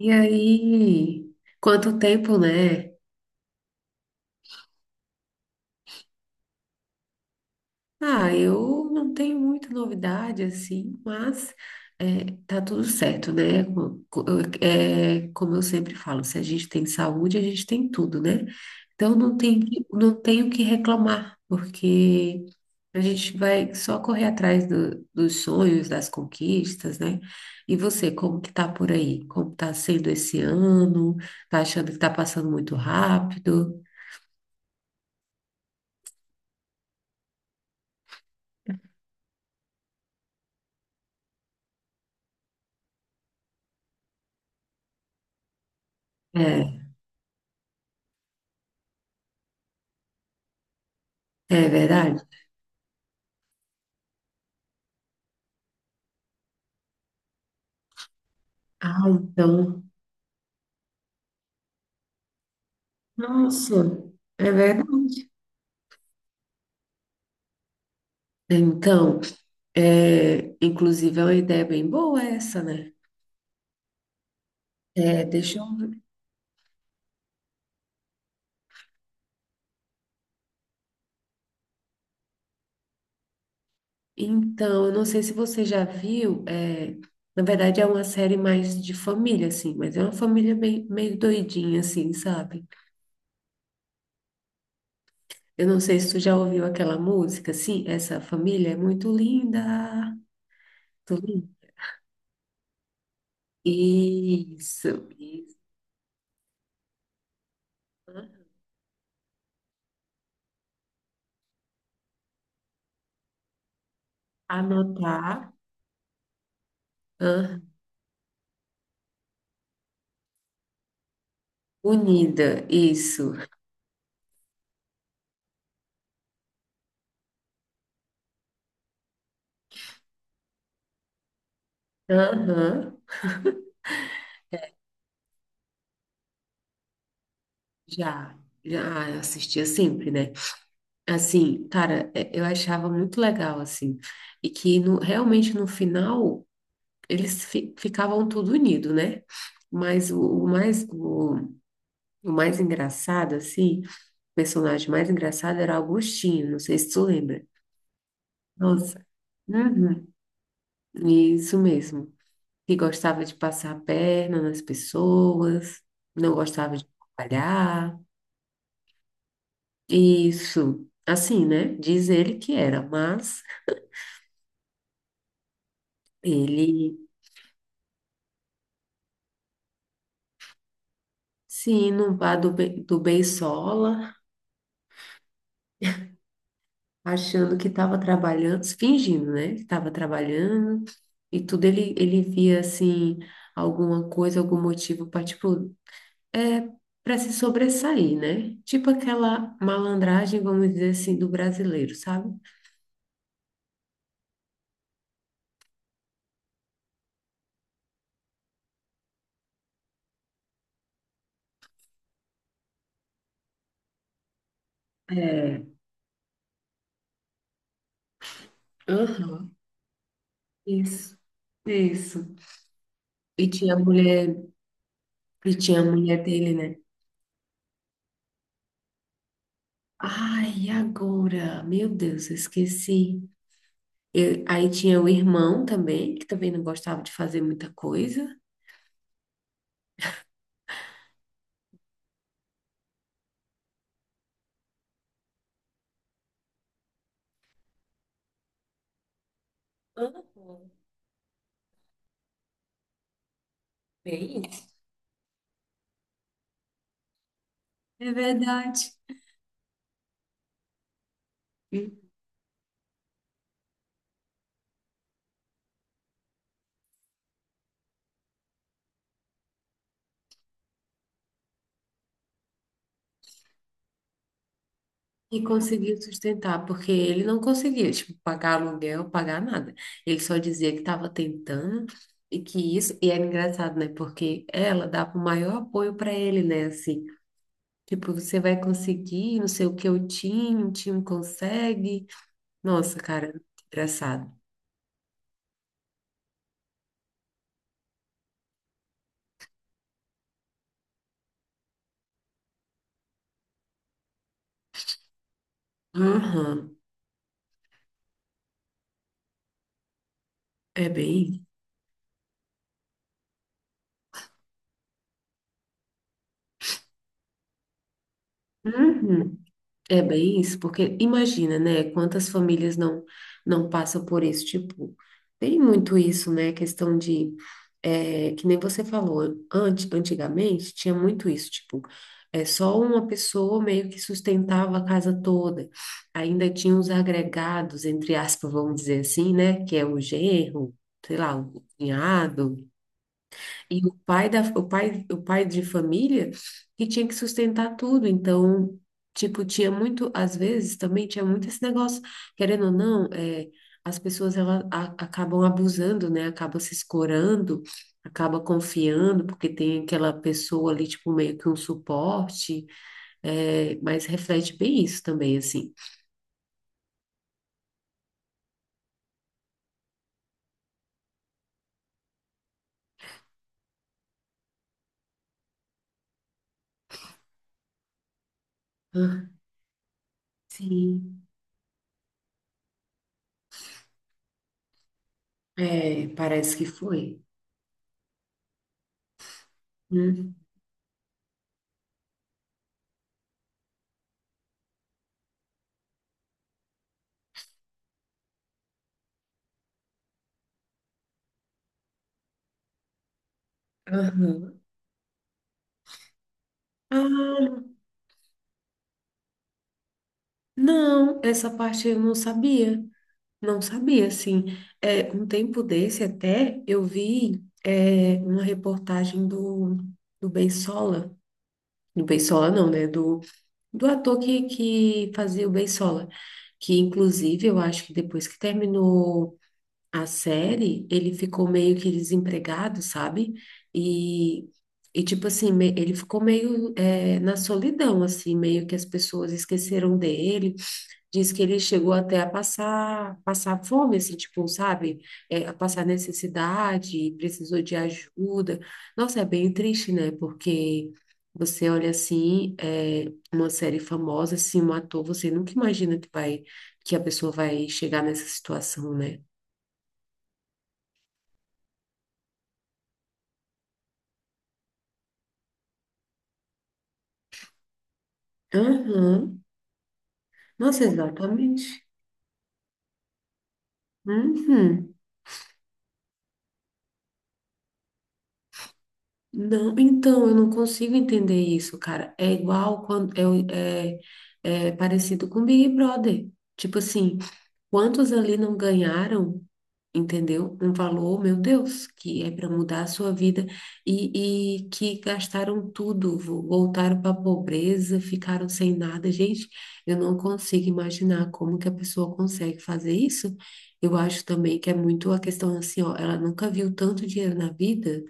E aí, quanto tempo, né? Ah, eu não tenho muita novidade assim, mas tá tudo certo, né? Como eu sempre falo, se a gente tem saúde, a gente tem tudo, né? Então não tenho o que reclamar, porque a gente vai só correr atrás dos sonhos, das conquistas, né? E você, como que tá por aí? Como tá sendo esse ano? Tá achando que tá passando muito rápido? É. É verdade? Ah, então, nossa, é verdade. Então, inclusive é uma ideia bem boa essa, né? É, deixa eu ver. Então, eu não sei se você já viu, na verdade é uma série mais de família, assim, mas é uma família bem, meio doidinha, assim, sabe? Eu não sei se tu já ouviu aquela música, assim, essa família é muito linda. Muito linda. Isso, isso. Anotar. Aham. Unida, isso. Aham. Já, já assistia sempre, né? Assim, cara, eu achava muito legal, assim, e que realmente no final eles ficavam tudo unido, né? Mas o mais engraçado, assim, o personagem mais engraçado era Augustinho, não sei se tu lembra. Nossa, uhum, isso mesmo. Que gostava de passar a perna nas pessoas, não gostava de trabalhar. Isso, assim, né? Diz ele que era, mas ele se inubar do, do Beisola, achando que estava trabalhando, fingindo, né? Que estava trabalhando e tudo. Ele via, assim, alguma coisa, algum motivo para, tipo, é, para se sobressair, né? Tipo aquela malandragem, vamos dizer assim, do brasileiro, sabe? É, aham, isso, isso. E tinha a mulher, e tinha a mulher dele, né? Ai, e agora, meu Deus, eu esqueci. Aí tinha o irmão também, que também não gostava de fazer muita coisa. Uhum. Bem isso. É verdade. E e conseguiu sustentar, porque ele não conseguia, tipo, pagar aluguel, pagar nada. Ele só dizia que estava tentando e que isso, e era engraçado, né? Porque ela dava o maior apoio para ele, né? Assim, tipo, você vai conseguir, não sei o que o time consegue. Nossa, cara, engraçado. Aham. É bem. Uhum. É bem isso, porque imagina, né, quantas famílias não passam por isso, tipo, tem muito isso, né, questão de, é, que nem você falou, antigamente tinha muito isso, tipo, é só uma pessoa meio que sustentava a casa toda, ainda tinha os agregados, entre aspas, vamos dizer assim, né, que é o genro, sei lá, o cunhado. E o pai da, o pai de família que tinha que sustentar tudo. Então, tipo, tinha muito, às vezes também tinha muito esse negócio, querendo ou não, é, as pessoas elas acabam abusando, né? Acaba se escorando, acaba confiando, porque tem aquela pessoa ali, tipo, meio que um suporte, é, mas reflete bem isso também, assim. Ah, sim, é, parece que foi. Hum. Aham. Ah, não, essa parte eu não sabia. Não sabia, assim. É, um tempo desse até eu vi uma reportagem do, do Beisola, do Beisola não, né? Do, do ator que fazia o Beisola, que inclusive eu acho que depois que terminou a série, ele ficou meio que desempregado, sabe? E, e tipo assim, ele ficou meio na solidão, assim, meio que as pessoas esqueceram dele. Diz que ele chegou até a passar fome, assim, tipo, sabe? É, a passar necessidade, precisou de ajuda. Nossa, é bem triste, né? Porque você olha assim, é, uma série famosa, assim, um ator, você nunca imagina que a pessoa vai chegar nessa situação, né? Aham. Nossa, exatamente. Uhum. Não, então, eu não consigo entender isso, cara. É igual quando é, é, é parecido com Big Brother. Tipo assim, quantos ali não ganharam, entendeu? Um valor, meu Deus, que é para mudar a sua vida e que gastaram tudo, voltaram para a pobreza, ficaram sem nada. Gente, eu não consigo imaginar como que a pessoa consegue fazer isso. Eu acho também que é muito a questão assim, ó, ela nunca viu tanto dinheiro na vida,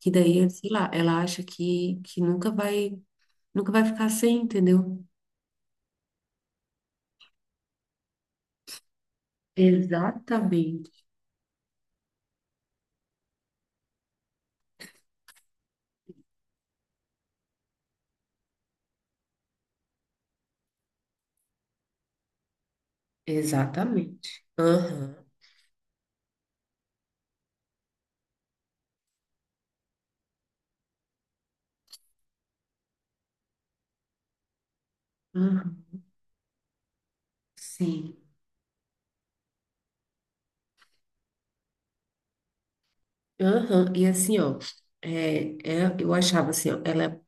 que daí, sei lá, ela acha que nunca vai ficar sem, entendeu? Exatamente, exatamente. Aham. Sim. Aham. E assim, ó, eu achava assim, ó, ela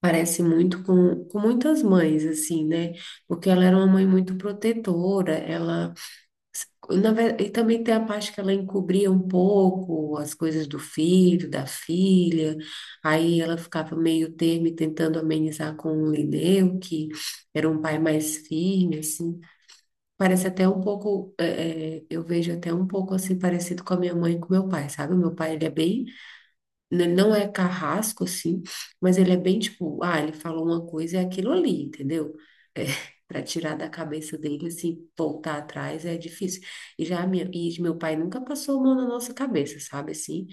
parece muito com muitas mães, assim, né? Porque ela era uma mãe muito protetora, ela, na verdade, e também tem a parte que ela encobria um pouco as coisas do filho, da filha, aí ela ficava meio termo e tentando amenizar com o Lineu, que era um pai mais firme, assim. Parece até um pouco, eu vejo até um pouco assim parecido com a minha mãe e com meu pai, sabe? O meu pai, ele é bem não é carrasco, assim, mas ele é bem tipo, ah, ele falou uma coisa, é aquilo ali, entendeu? É, para tirar da cabeça dele, assim, voltar atrás é difícil. E meu pai nunca passou a mão na nossa cabeça, sabe, assim?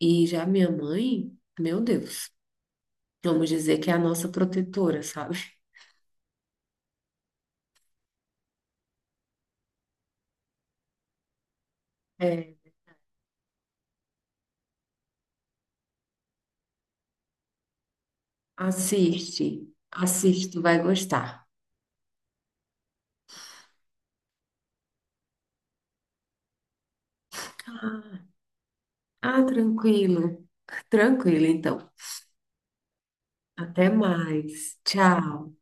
E já minha mãe, meu Deus, vamos dizer que é a nossa protetora, sabe? É, assiste, assiste, tu vai gostar. Ah, ah, tranquilo, tranquilo, então. Até mais. Tchau.